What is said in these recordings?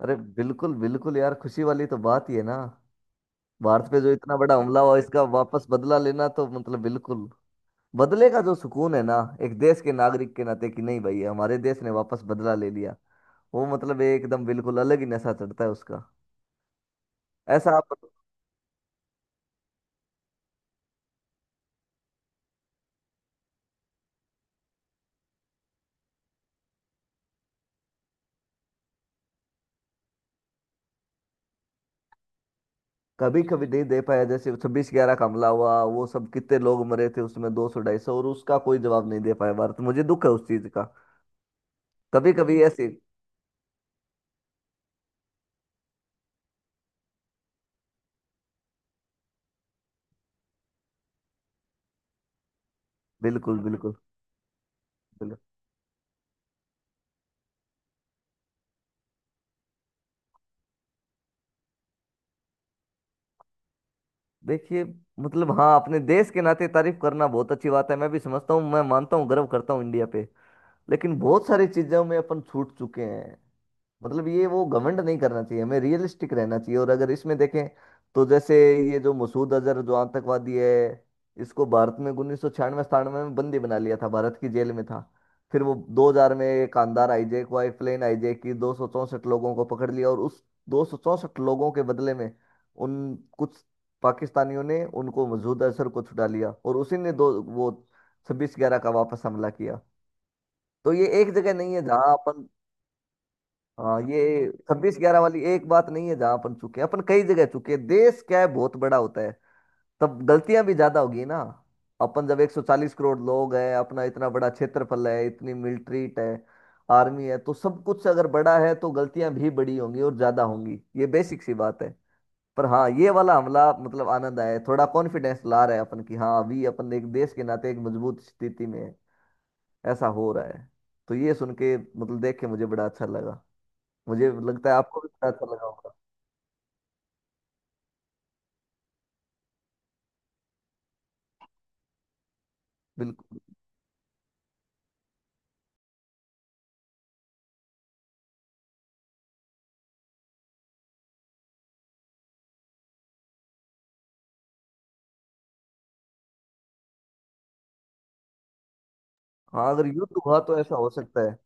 अरे बिल्कुल बिल्कुल यार, खुशी वाली तो बात ही है ना। भारत पे जो इतना बड़ा हमला हुआ इसका वापस बदला लेना तो मतलब बिल्कुल। बदले का जो सुकून है ना, एक देश के नागरिक के नाते कि नहीं भाई, हमारे देश ने वापस बदला ले लिया। वो मतलब एकदम बिल्कुल अलग ही नशा चढ़ता है उसका। ऐसा आप कभी कभी नहीं दे पाया, जैसे छब्बीस ग्यारह का हमला हुआ वो, सब कितने लोग मरे थे उसमें, 200 250, और उसका कोई जवाब नहीं दे पाया भारत। मुझे दुख है उस चीज का। कभी कभी ऐसे बिल्कुल बिल्कुल बिल्कुल। देखिए, मतलब हाँ, अपने देश के नाते तारीफ करना बहुत अच्छी बात है, मैं भी समझता हूँ, मैं मानता हूँ, गर्व करता हूँ इंडिया पे। लेकिन बहुत सारी चीज़ों में अपन छूट चुके हैं। मतलब ये वो घमंड नहीं करना चाहिए, हमें रियलिस्टिक रहना चाहिए। और अगर इसमें देखें तो जैसे, ये जो मसूद अजहर जो आतंकवादी है, इसको भारत में 1996 97 में बंदी बना लिया था, भारत की जेल में था। फिर वो 2000 में कांधार हाईजैक हुआ, एक प्लेन हाईजैक की, 264 लोगों को पकड़ लिया, और उस 264 लोगों के बदले में उन कुछ पाकिस्तानियों ने उनको मसूद अजहर को छुड़ा लिया। और उसी ने दो वो 26/11 का वापस हमला किया। तो ये एक जगह नहीं है जहां अपन। हाँ, ये 26/11 वाली एक बात नहीं है जहां अपन चुके हैं, अपन कई जगह चुके हैं। देश क्या है, बहुत बड़ा होता है, तब गलतियां भी ज्यादा होगी ना। अपन जब 140 करोड़ लोग हैं, अपना इतना बड़ा क्षेत्रफल है, इतनी मिलिट्री है, आर्मी है, तो सब कुछ अगर बड़ा है तो गलतियां भी बड़ी होंगी और ज्यादा होंगी। ये बेसिक सी बात है। पर हाँ, ये वाला हमला मतलब आनंद आया है। थोड़ा कॉन्फिडेंस ला रहा है अपन की हाँ, अभी अपन एक देश के नाते एक मजबूत स्थिति में है, ऐसा हो रहा है। तो ये सुन के मतलब देख के मुझे बड़ा अच्छा लगा। मुझे लगता है आपको भी बड़ा अच्छा लगा होगा। बिल्कुल। हाँ, अगर युद्ध हुआ तो ऐसा हो सकता है।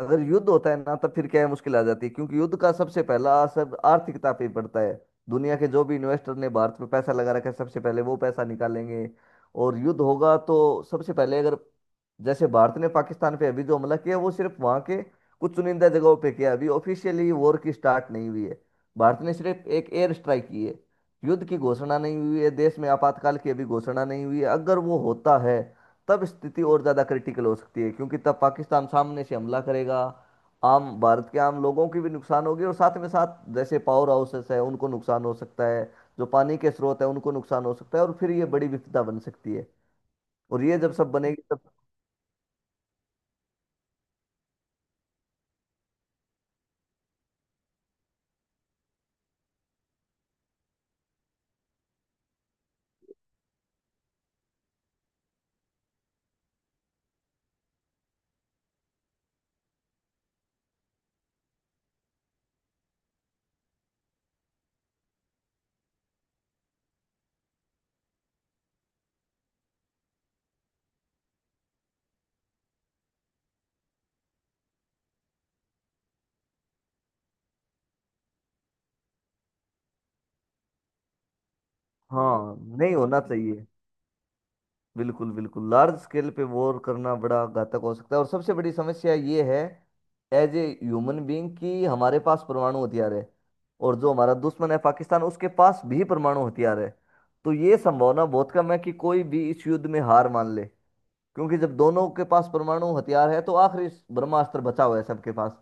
अगर युद्ध होता है ना तब फिर क्या है, मुश्किल आ जाती है, क्योंकि युद्ध का सबसे पहला असर आर्थिकता पे पड़ता है। दुनिया के जो भी इन्वेस्टर ने भारत में पैसा लगा रखा है सबसे पहले वो पैसा निकालेंगे। और युद्ध होगा तो सबसे पहले, अगर जैसे भारत ने पाकिस्तान पे अभी जो हमला किया वो सिर्फ वहाँ के कुछ चुनिंदा जगहों पे किया, अभी ऑफिशियली वॉर की स्टार्ट नहीं हुई है। भारत ने सिर्फ एक एयर स्ट्राइक की है। युद्ध की घोषणा नहीं हुई है, देश में आपातकाल की अभी घोषणा नहीं हुई है। अगर वो होता है तब स्थिति और ज़्यादा क्रिटिकल हो सकती है, क्योंकि तब पाकिस्तान सामने से हमला करेगा। आम भारत के आम लोगों की भी नुकसान होगी, और साथ में साथ जैसे पावर हाउसेस है उनको नुकसान हो सकता है, जो पानी के स्रोत है उनको नुकसान हो सकता है, और फिर ये बड़ी विपदा बन सकती है। और ये जब सब बनेगी तब, हाँ नहीं होना चाहिए। बिल्कुल बिल्कुल, लार्ज स्केल पे वॉर करना बड़ा घातक हो सकता है, और सबसे बड़ी समस्या ये है, एज ए ह्यूमन बीइंग, कि हमारे पास परमाणु हथियार है, और जो हमारा दुश्मन है पाकिस्तान उसके पास भी परमाणु हथियार है। तो ये संभावना बहुत कम है कि कोई भी इस युद्ध में हार मान ले, क्योंकि जब दोनों के पास परमाणु हथियार है तो आखिरी ब्रह्मास्त्र बचा हुआ है सबके पास।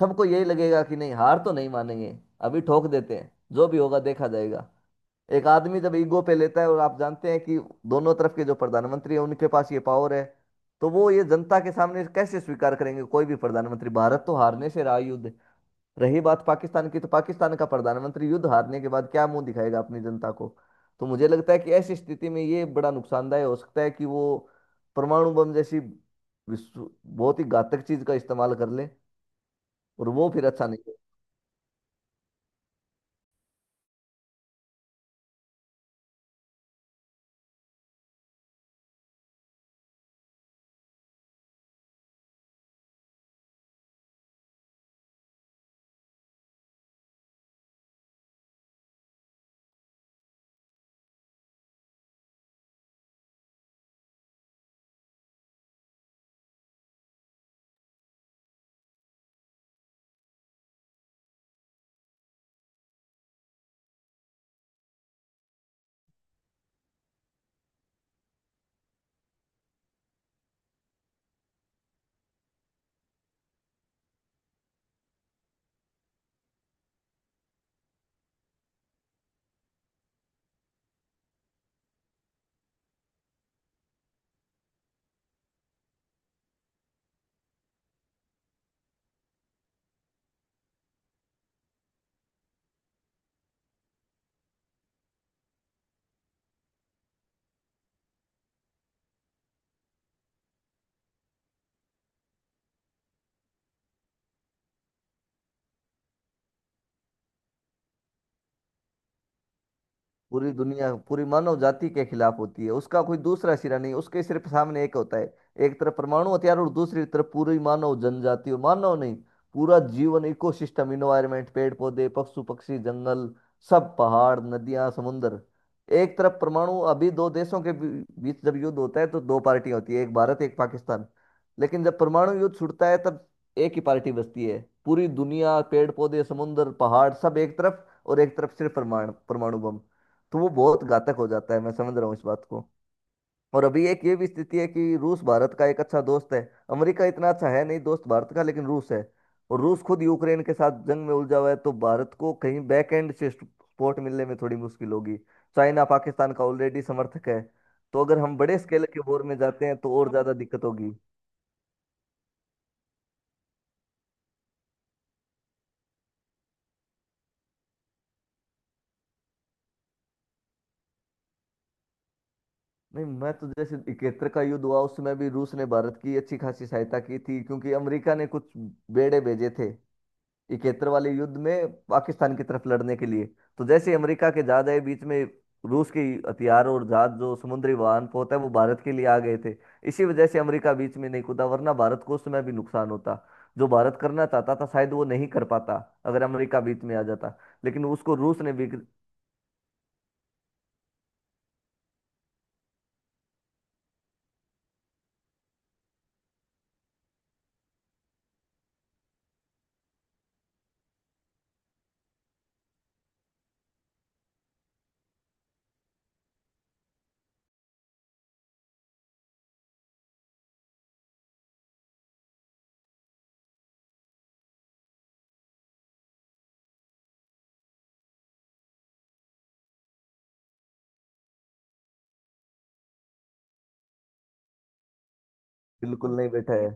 सबको यही लगेगा कि नहीं, हार तो नहीं मानेंगे, अभी ठोक देते हैं, जो भी होगा देखा जाएगा। एक आदमी जब ईगो पे लेता है, और आप जानते हैं कि दोनों तरफ के जो प्रधानमंत्री हैं उनके पास ये पावर है, तो वो ये जनता के सामने कैसे स्वीकार करेंगे। कोई भी प्रधानमंत्री, भारत तो हारने से रहा युद्ध। रही बात पाकिस्तान की, तो पाकिस्तान का प्रधानमंत्री युद्ध हारने के बाद क्या मुंह दिखाएगा अपनी जनता को। तो मुझे लगता है कि ऐसी स्थिति में ये बड़ा नुकसानदायक हो सकता है कि वो परमाणु बम जैसी बहुत ही घातक चीज का इस्तेमाल कर ले। और वो फिर अच्छा नहीं। पूरी दुनिया पूरी मानव जाति के खिलाफ होती है। उसका कोई दूसरा सिरा नहीं, उसके सिर्फ सामने एक होता है, एक तरफ परमाणु हथियार और दूसरी तरफ पूरी मानव जनजाति। और मानव नहीं, पूरा जीवन, इकोसिस्टम, इन्वायरमेंट, पेड़ पौधे, पशु पक्षी, जंगल, सब, पहाड़, नदियां, समुंदर। एक तरफ परमाणु, अभी दो देशों के बीच जब युद्ध होता है तो दो पार्टियां होती है, एक भारत एक पाकिस्तान। लेकिन जब परमाणु युद्ध छूटता है तब एक ही पार्टी बचती है, पूरी दुनिया, पेड़ पौधे, समुंदर, पहाड़, सब एक तरफ और एक तरफ सिर्फ परमाणु, परमाणु बम। तो वो बहुत घातक हो जाता है। मैं समझ रहा हूँ इस बात को। और अभी एक ये भी स्थिति है कि रूस भारत का एक अच्छा दोस्त है। अमेरिका इतना अच्छा है नहीं दोस्त भारत का, लेकिन रूस है। और रूस खुद यूक्रेन के साथ जंग में उलझा हुआ है, तो भारत को कहीं बैक एंड से सपोर्ट मिलने में थोड़ी मुश्किल होगी। चाइना पाकिस्तान का ऑलरेडी समर्थक है। तो अगर हम बड़े स्केल के वॉर में जाते हैं तो और ज्यादा दिक्कत होगी। नहीं, मैं तो जैसे 71 का युद्ध हुआ उसमें भी रूस ने भारत की अच्छी खासी सहायता की थी, क्योंकि अमेरिका ने कुछ बेड़े भेजे थे 71 वाले युद्ध में पाकिस्तान की तरफ लड़ने के लिए। तो जैसे अमेरिका के जहाज आए बीच में, रूस के हथियार और जहाज, जो समुद्री वाहन होता है, वो भारत के लिए आ गए थे। इसी वजह से अमेरिका बीच में नहीं कूदा, वरना भारत को उस समय भी नुकसान होता। जो भारत करना चाहता था शायद वो नहीं कर पाता अगर अमेरिका बीच में आ जाता। लेकिन उसको रूस ने भी, बिल्कुल नहीं बैठा है।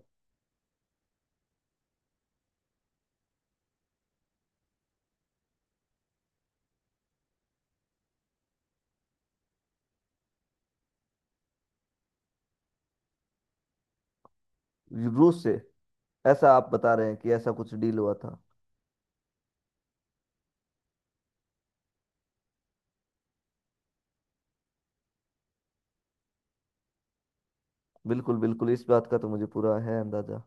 रूस से ऐसा आप बता रहे हैं कि ऐसा कुछ डील हुआ था? बिल्कुल बिल्कुल, इस बात का तो मुझे पूरा है अंदाजा।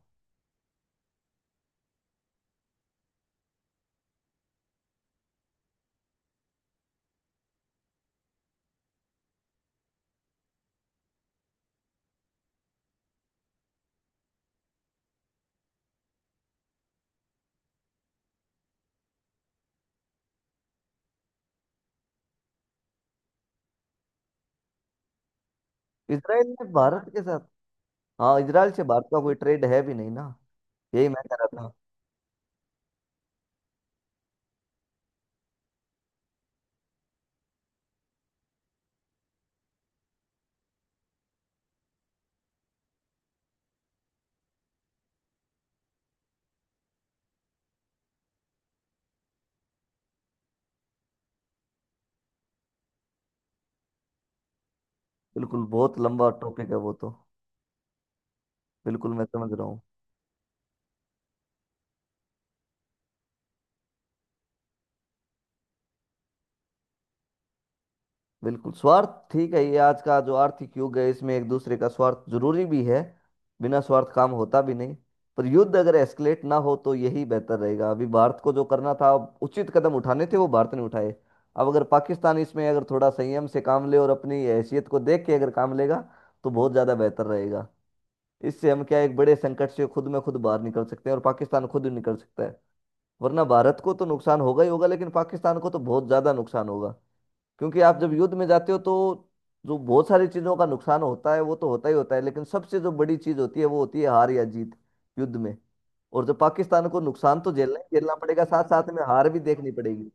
इसराइल ने भारत के साथ, हाँ इसराइल से भारत का कोई ट्रेड है भी नहीं ना। यही मैं कह रहा था। बिल्कुल, बहुत लंबा टॉपिक है वो तो। बिल्कुल मैं समझ रहा हूँ। बिल्कुल, स्वार्थ ठीक है। ये आज का जो आर्थिक युग है इसमें एक दूसरे का स्वार्थ जरूरी भी है। बिना स्वार्थ काम होता भी नहीं। पर युद्ध अगर एस्केलेट ना हो तो यही बेहतर रहेगा। अभी भारत को जो करना था, अब उचित कदम उठाने थे वो भारत ने उठाए। अब अगर पाकिस्तान इसमें अगर थोड़ा संयम से काम ले और अपनी हैसियत को देख के अगर काम लेगा तो बहुत ज़्यादा बेहतर रहेगा। इससे हम क्या है, एक बड़े संकट से खुद में खुद बाहर निकल सकते हैं और पाकिस्तान खुद ही निकल सकता है। वरना भारत को तो नुकसान होगा ही होगा, लेकिन पाकिस्तान को तो बहुत ज़्यादा नुकसान होगा। क्योंकि आप जब युद्ध में जाते हो तो जो बहुत सारी चीज़ों का नुकसान होता है वो तो होता ही होता है, लेकिन सबसे जो बड़ी चीज़ होती है वो होती है हार या जीत, युद्ध में। और जो पाकिस्तान को नुकसान तो झेलना ही झेलना पड़ेगा, साथ साथ में हार भी देखनी पड़ेगी।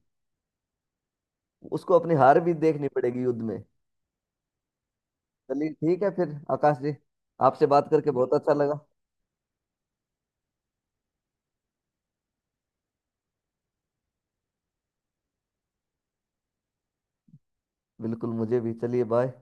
उसको अपनी हार भी देखनी पड़ेगी युद्ध में। चलिए ठीक है फिर आकाश जी, आपसे बात करके बहुत अच्छा लगा। बिल्कुल मुझे भी। चलिए बाय।